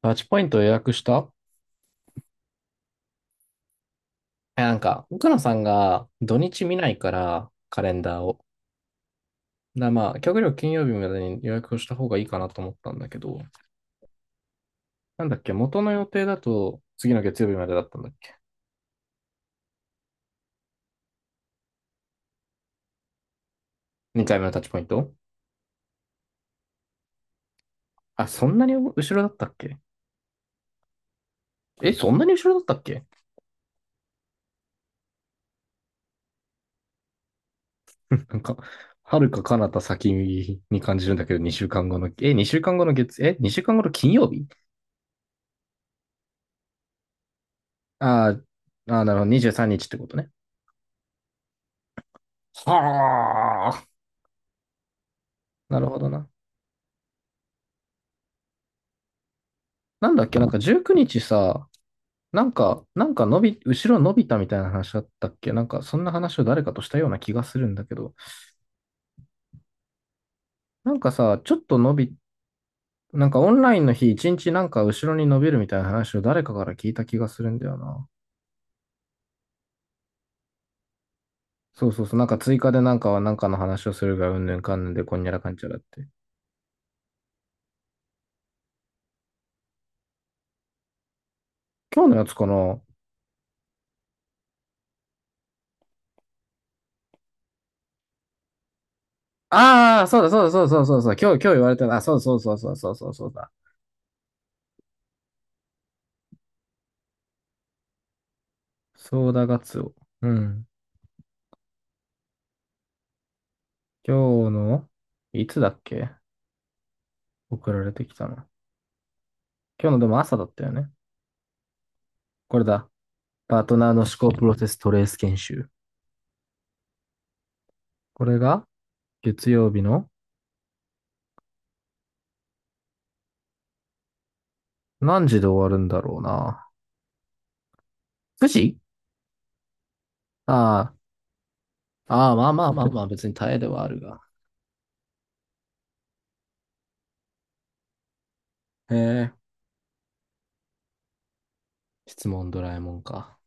タッチポイント予約した？え、なんか、奥野さんが土日見ないから、カレンダーを。まあ、極力金曜日までに予約をした方がいいかなと思ったんだけど、なんだっけ、元の予定だと次の月曜日までだったんだっけ ?2 回目のタッチポイント？あ、そんなに後ろだったっけ？え、そんなに後ろだったっけ？ なんか、はるか彼方先に感じるんだけど、2週間後の、え、2週間後の月、え、2週間後の金曜日？あーあー、なるほど、23日ってことね。はあ、なるほどな。なんだっけ、なんか19日さ、なんか、なんか伸び、後ろ伸びたみたいな話だったっけ？なんか、そんな話を誰かとしたような気がするんだけど、なんかさ、ちょっと伸び、なんかオンラインの日一日なんか後ろに伸びるみたいな話を誰かから聞いた気がするんだよな。そうそうそう、なんか追加でなんかはなんかの話をするがうんぬんかんぬんでこんにゃらかんちゃらって。今日のやつかな？ああー、そうだそうだそうだそうだそうだ、今日言われたな、あそうそうそうそうそうそうそうだ。そうだガツオ。うん。今日の、いつだっけ？送られてきたな。今日のでも朝だったよね。これだ。パートナーの思考プロセストレース研修。これが月曜日の何時で終わるんだろうな。9時？ああ、ああ、まあまあまあまあ、別に耐えではあるが。へえ、質問ドラえもんか？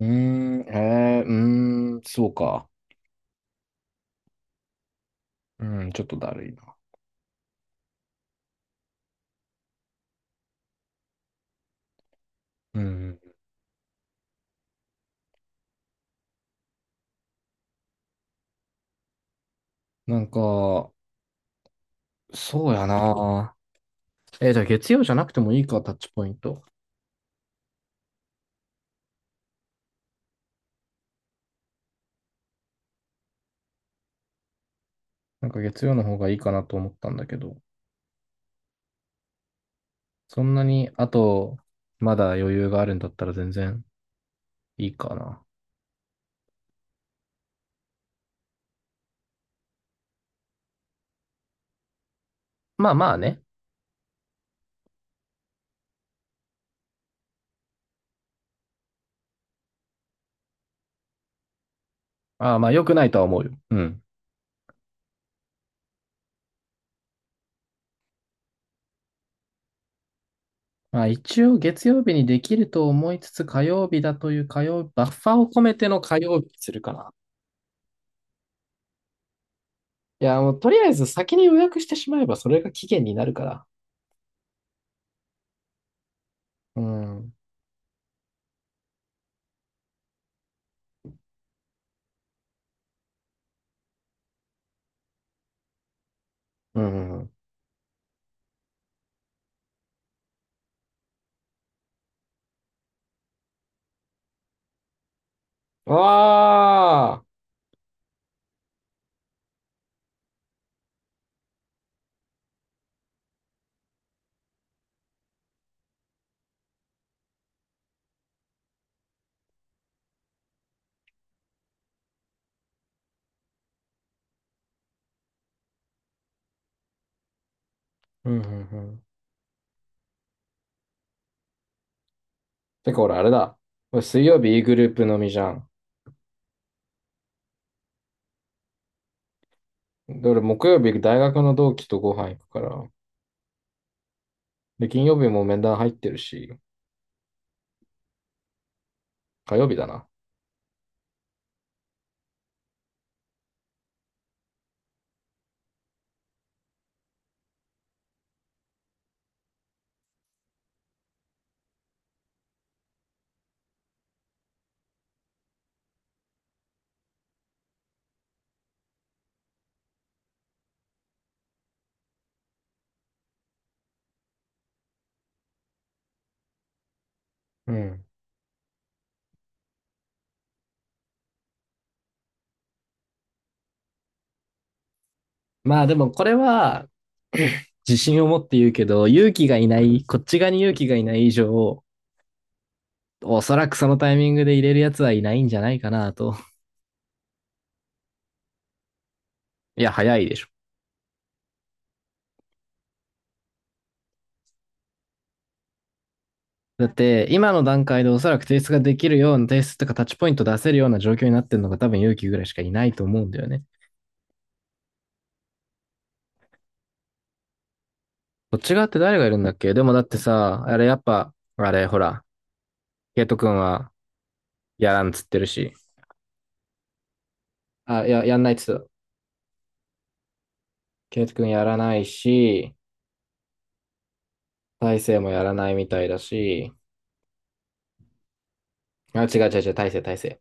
うーん、へえ、うーん、そうか。うん、ちょっとだるいな。うん。なんか、そうやな。じゃあ月曜じゃなくてもいいか、タッチポイント。なんか月曜の方がいいかなと思ったんだけど。そんなに、あと、まだ余裕があるんだったら全然いいかな。まあまあね。ああまあ良くないとは思うよ。うん。まあ一応月曜日にできると思いつつ火曜日だというバッファーを込めての火曜日にするかな。いや、もうとりあえず先に予約してしまえばそれが期限になるから。うん。うんうんうん。ああ。うんうんうん。てか俺あれだ。俺水曜日 E グループのみじゃん。で俺木曜日大学の同期とご飯行くから。で、金曜日も面談入ってるし。火曜日だな。うん。まあでもこれは自信を持って言うけど、勇気がいない、こっち側に勇気がいない以上、おそらくそのタイミングで入れるやつはいないんじゃないかなと。いや、早いでしょ。だって、今の段階でおそらく提出ができるような、提出とかタッチポイント出せるような状況になってるのが多分勇気ぐらいしかいないと思うんだよね。こっち側って誰がいるんだっけ？でもだってさ、あれやっぱ、あれほら、ケイト君はやらんっつってるし。あ、いや、やんないっつってた。ケイト君やらないし、大勢もやらないみたいだし、あ、違う違う違う、大勢、大勢。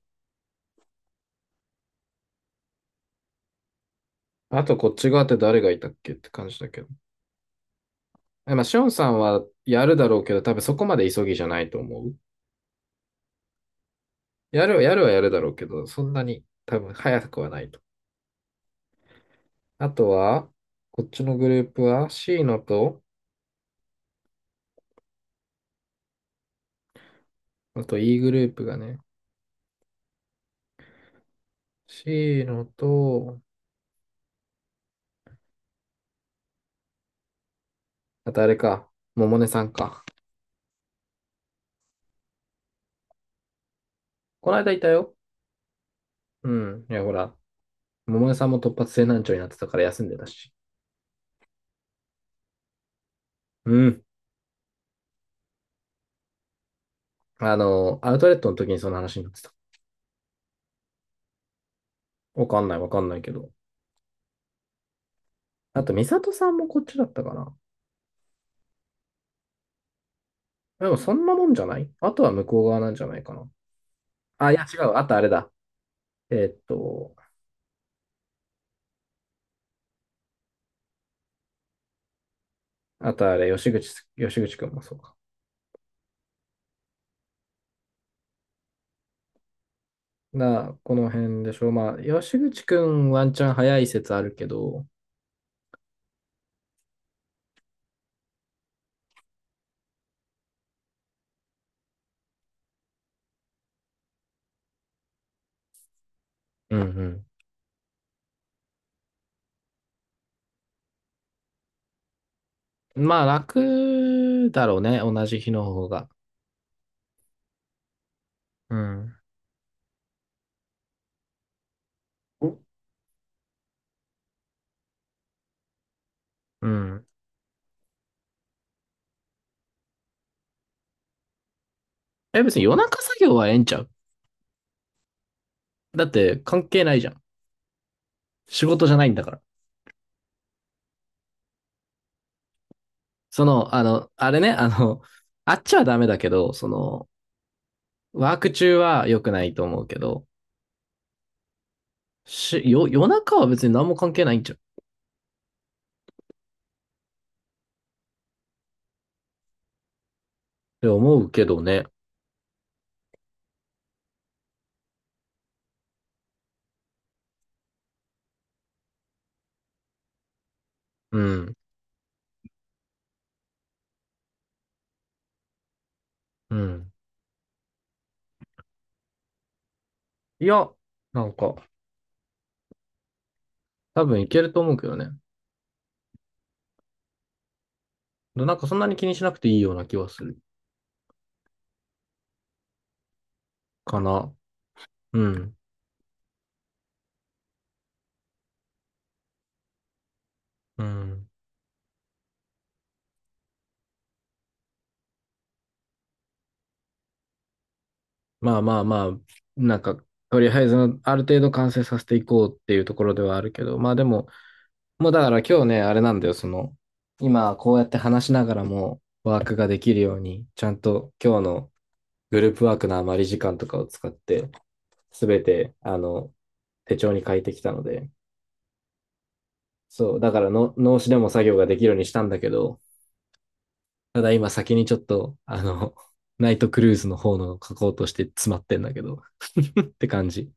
あとこっち側って誰がいたっけって感じだけど。まあ、シオンさんはやるだろうけど、多分そこまで急ぎじゃないと思う。やる、やるはやるだろうけど、そんなに多分早くはないと。あとは、こっちのグループは C のと、あと E グループがね、C のと、あとあれか、ももねさんか。この間いたよ。うん。いや、ほら、ももねさんも突発性難聴になってたから休んでたし。うん。あの、アウトレットの時にその話になってた。わかんない、わかんないけど。あと、美里さんもこっちだったかな。でも、そんなもんじゃない。あとは向こう側なんじゃないかな。あ、いや、違う。あとあれだ。えーっと、あとあれ、吉口くんもそうか。な、この辺でしょう。まあ、吉口くんワンチャン早い説あるけど、うんうん。まあ、楽だろうね。同じ日の方が。うん。うん。え、別に夜中作業はええんちゃう？だって関係ないじゃん。仕事じゃないんだから。その、あの、あれね、あの、あっちはダメだけど、その、ワーク中は良くないと思うけど、夜中は別に何も関係ないんじゃんって思うけどね。うん。うん。いや、なんか、多分いけると思うけどね。なんかそんなに気にしなくていいような気はするかな。うん。うん。まあまあまあ、なんか、とりあえずある程度完成させていこうっていうところではあるけど、まあでも、もうだから今日ね、あれなんだよ、その、今こうやって話しながらもワークができるように、ちゃんと今日のグループワークの余り時間とかを使って、すべて、あの、手帳に書いてきたので、そう、だからの、脳死でも作業ができるようにしたんだけど、ただ今先にちょっと、あの、ナイトクルーズの方の書こうとして詰まってんだけど、って感じ。